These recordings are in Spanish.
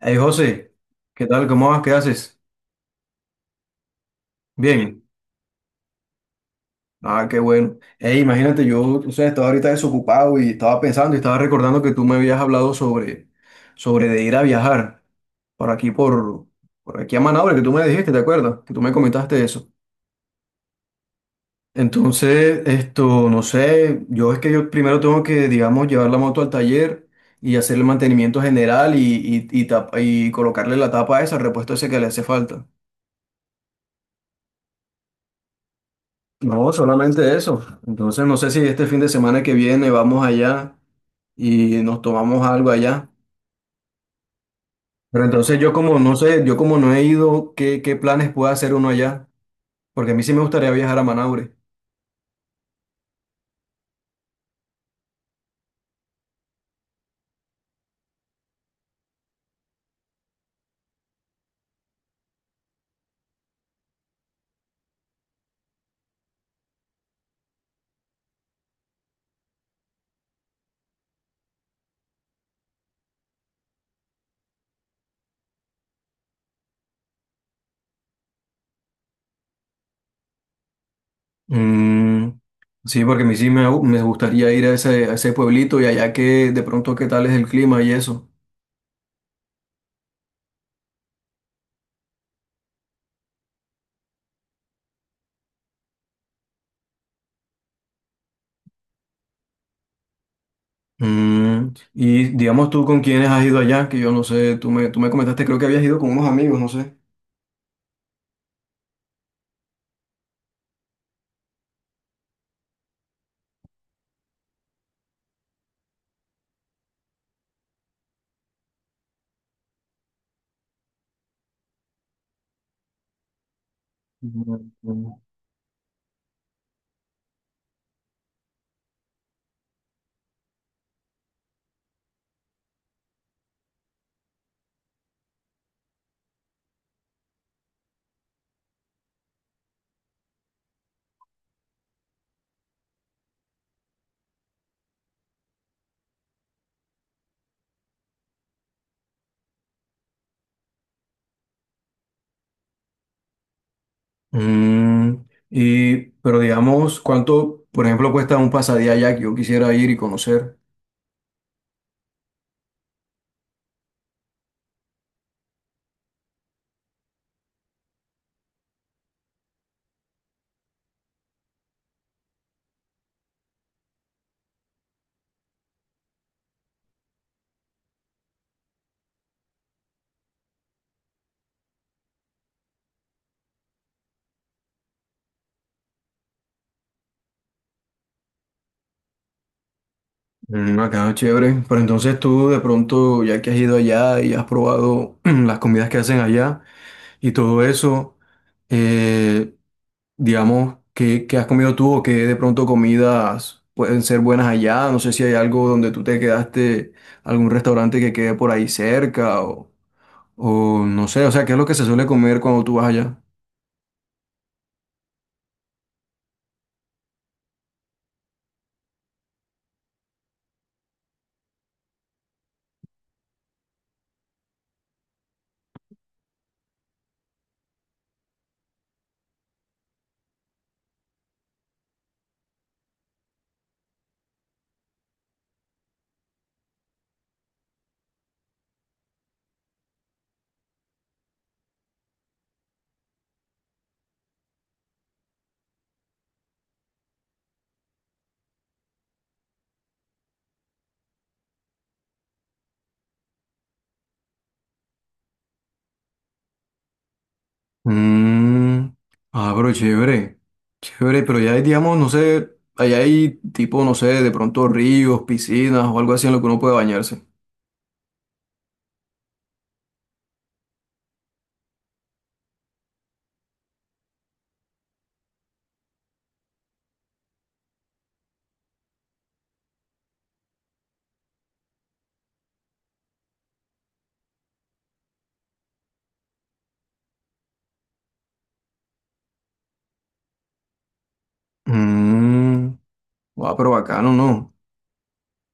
Hey José, ¿qué tal? ¿Cómo vas? ¿Qué haces? Bien. Ah, qué bueno. Hey, imagínate, yo, tú sabes, estaba ahorita desocupado y estaba pensando y estaba recordando que tú me habías hablado sobre de ir a viajar por aquí, por aquí a Manaure, que tú me dijiste, ¿te acuerdas? Que tú me comentaste eso. Entonces, esto, no sé, yo es que yo primero tengo que, digamos, llevar la moto al taller y hacer el mantenimiento general y colocarle la tapa esa, el repuesto ese que le hace falta. No, solamente eso. Entonces no sé si este fin de semana que viene vamos allá y nos tomamos algo allá. Pero entonces yo como no he ido, ¿qué, qué planes puede hacer uno allá? Porque a mí sí me gustaría viajar a Manaure. Mm, sí, porque a mí sí me gustaría ir a ese pueblito y allá que de pronto qué tal es el clima y eso. Mm, y digamos tú con quiénes has ido allá, que yo no sé, tú me comentaste, creo que habías ido con unos amigos, no sé. Mm. Mm, y, pero digamos, ¿cuánto, por ejemplo, cuesta un pasadía allá que yo quisiera ir y conocer? Mm, acá chévere. Pero entonces tú de pronto, ya que has ido allá y has probado las comidas que hacen allá y todo eso, eh, digamos, ¿qué, qué has comido tú o qué de pronto comidas pueden ser buenas allá? No sé si hay algo donde tú te quedaste, algún restaurante que quede por ahí cerca o no sé, o sea, ¿qué es lo que se suele comer cuando tú vas allá? Mm, ah, pero chévere, chévere, pero ya hay, digamos, no sé, allá hay tipo, no sé, de pronto ríos, piscinas o algo así en lo que uno puede bañarse. Mm, ah, pero bacano, ¿no?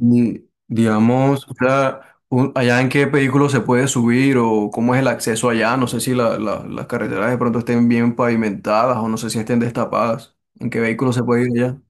Y, digamos, o sea, allá en qué vehículo se puede subir o cómo es el acceso allá, no sé si las carreteras de pronto estén bien pavimentadas o no sé si estén destapadas, en qué vehículo se puede ir allá.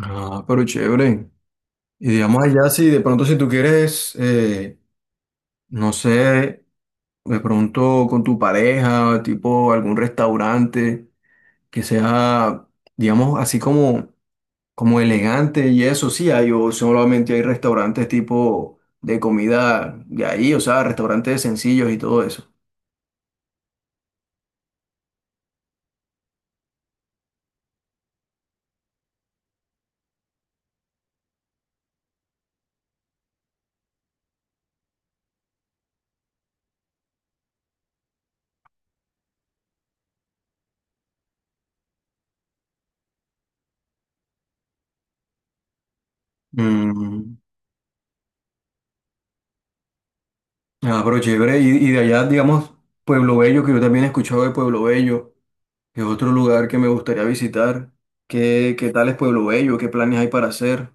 Ah, pero chévere. Y digamos allá, si de pronto si tú quieres... No sé, de pronto con tu pareja, tipo algún restaurante que sea, digamos, así como, como elegante y eso, sí, hay, o solamente hay restaurantes tipo de comida de ahí, o sea, restaurantes sencillos y todo eso. Mm, ah, pero chévere, y de allá, digamos, Pueblo Bello, que yo también he escuchado de Pueblo Bello, que es otro lugar que me gustaría visitar. ¿Qué, qué tal es Pueblo Bello? ¿Qué planes hay para hacer?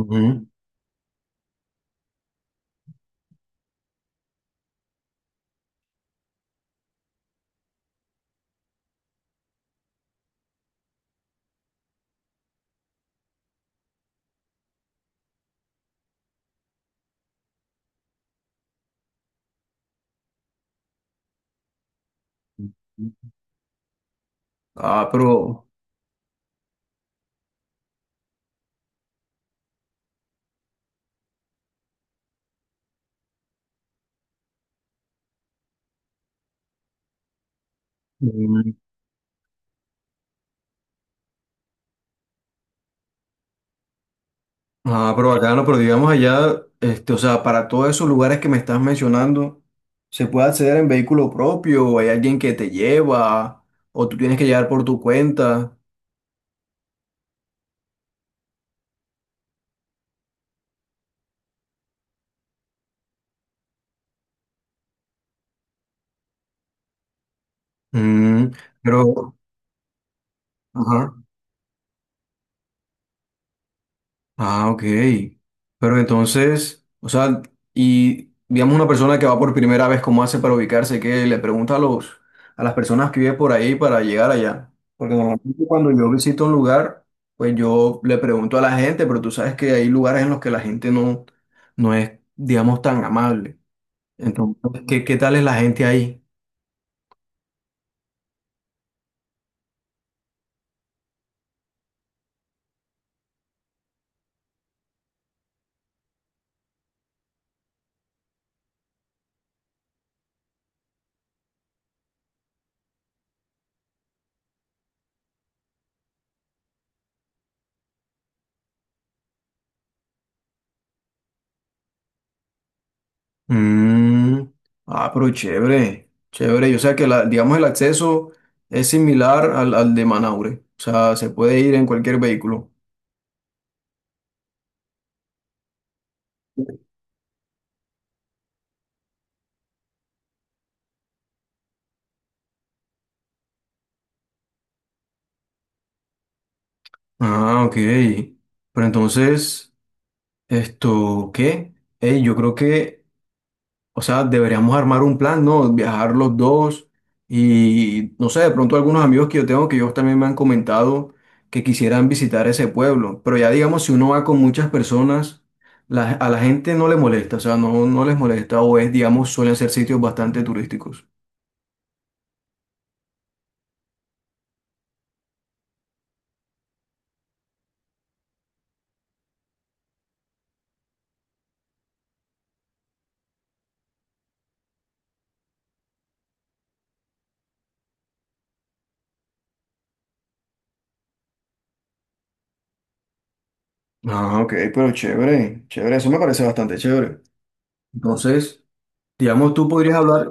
Ujú. Ah, pero Mm. Ah, pero bacano, pero digamos allá, este, o sea, para todos esos lugares que me estás mencionando, ¿se puede acceder en vehículo propio o hay alguien que te lleva o tú tienes que llegar por tu cuenta? Mm, pero, ajá. Ah, ok. Pero entonces, o sea, y digamos una persona que va por primera vez, ¿cómo hace para ubicarse? ¿Qué le pregunta a los, a las personas que viven por ahí para llegar allá? Porque normalmente cuando yo visito un lugar, pues yo le pregunto a la gente, pero tú sabes que hay lugares en los que la gente no, no es, digamos, tan amable. Entonces, ¿qué, qué tal es la gente ahí? Mm, ah, pero chévere, chévere. Yo sé que la, digamos el acceso es similar al, al de Manaure. O sea, se puede ir en cualquier vehículo. Ah, ok. Pero entonces, esto, ¿qué? Ey, yo creo que o sea, deberíamos armar un plan, ¿no? Viajar los dos y, no sé, de pronto algunos amigos que yo tengo que ellos también me han comentado que quisieran visitar ese pueblo. Pero ya digamos, si uno va con muchas personas, a la gente no le molesta, o sea, no, no les molesta o es, digamos, suelen ser sitios bastante turísticos. Ah, ok, pero chévere, chévere, eso me parece bastante chévere. Entonces, digamos, tú podrías hablar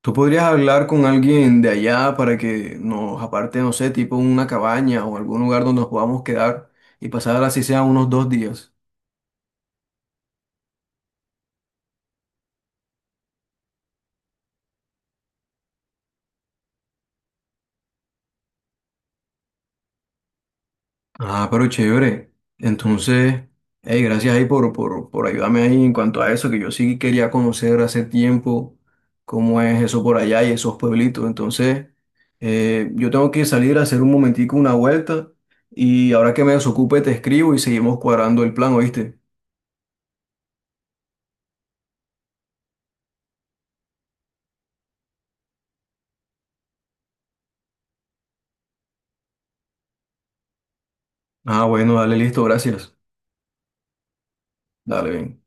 Tú podrías hablar con alguien de allá para que nos aparte, no sé, tipo una cabaña o algún lugar donde nos podamos quedar y pasar así sea unos dos días. Ah, pero chévere. Entonces, hey, gracias ahí por ayudarme ahí en cuanto a eso, que yo sí quería conocer hace tiempo cómo es eso por allá y esos pueblitos. Entonces, yo tengo que salir a hacer un momentico una vuelta y ahora que me desocupe te escribo y seguimos cuadrando el plan, ¿oíste? Ah, bueno, dale, listo, gracias. Dale, ven.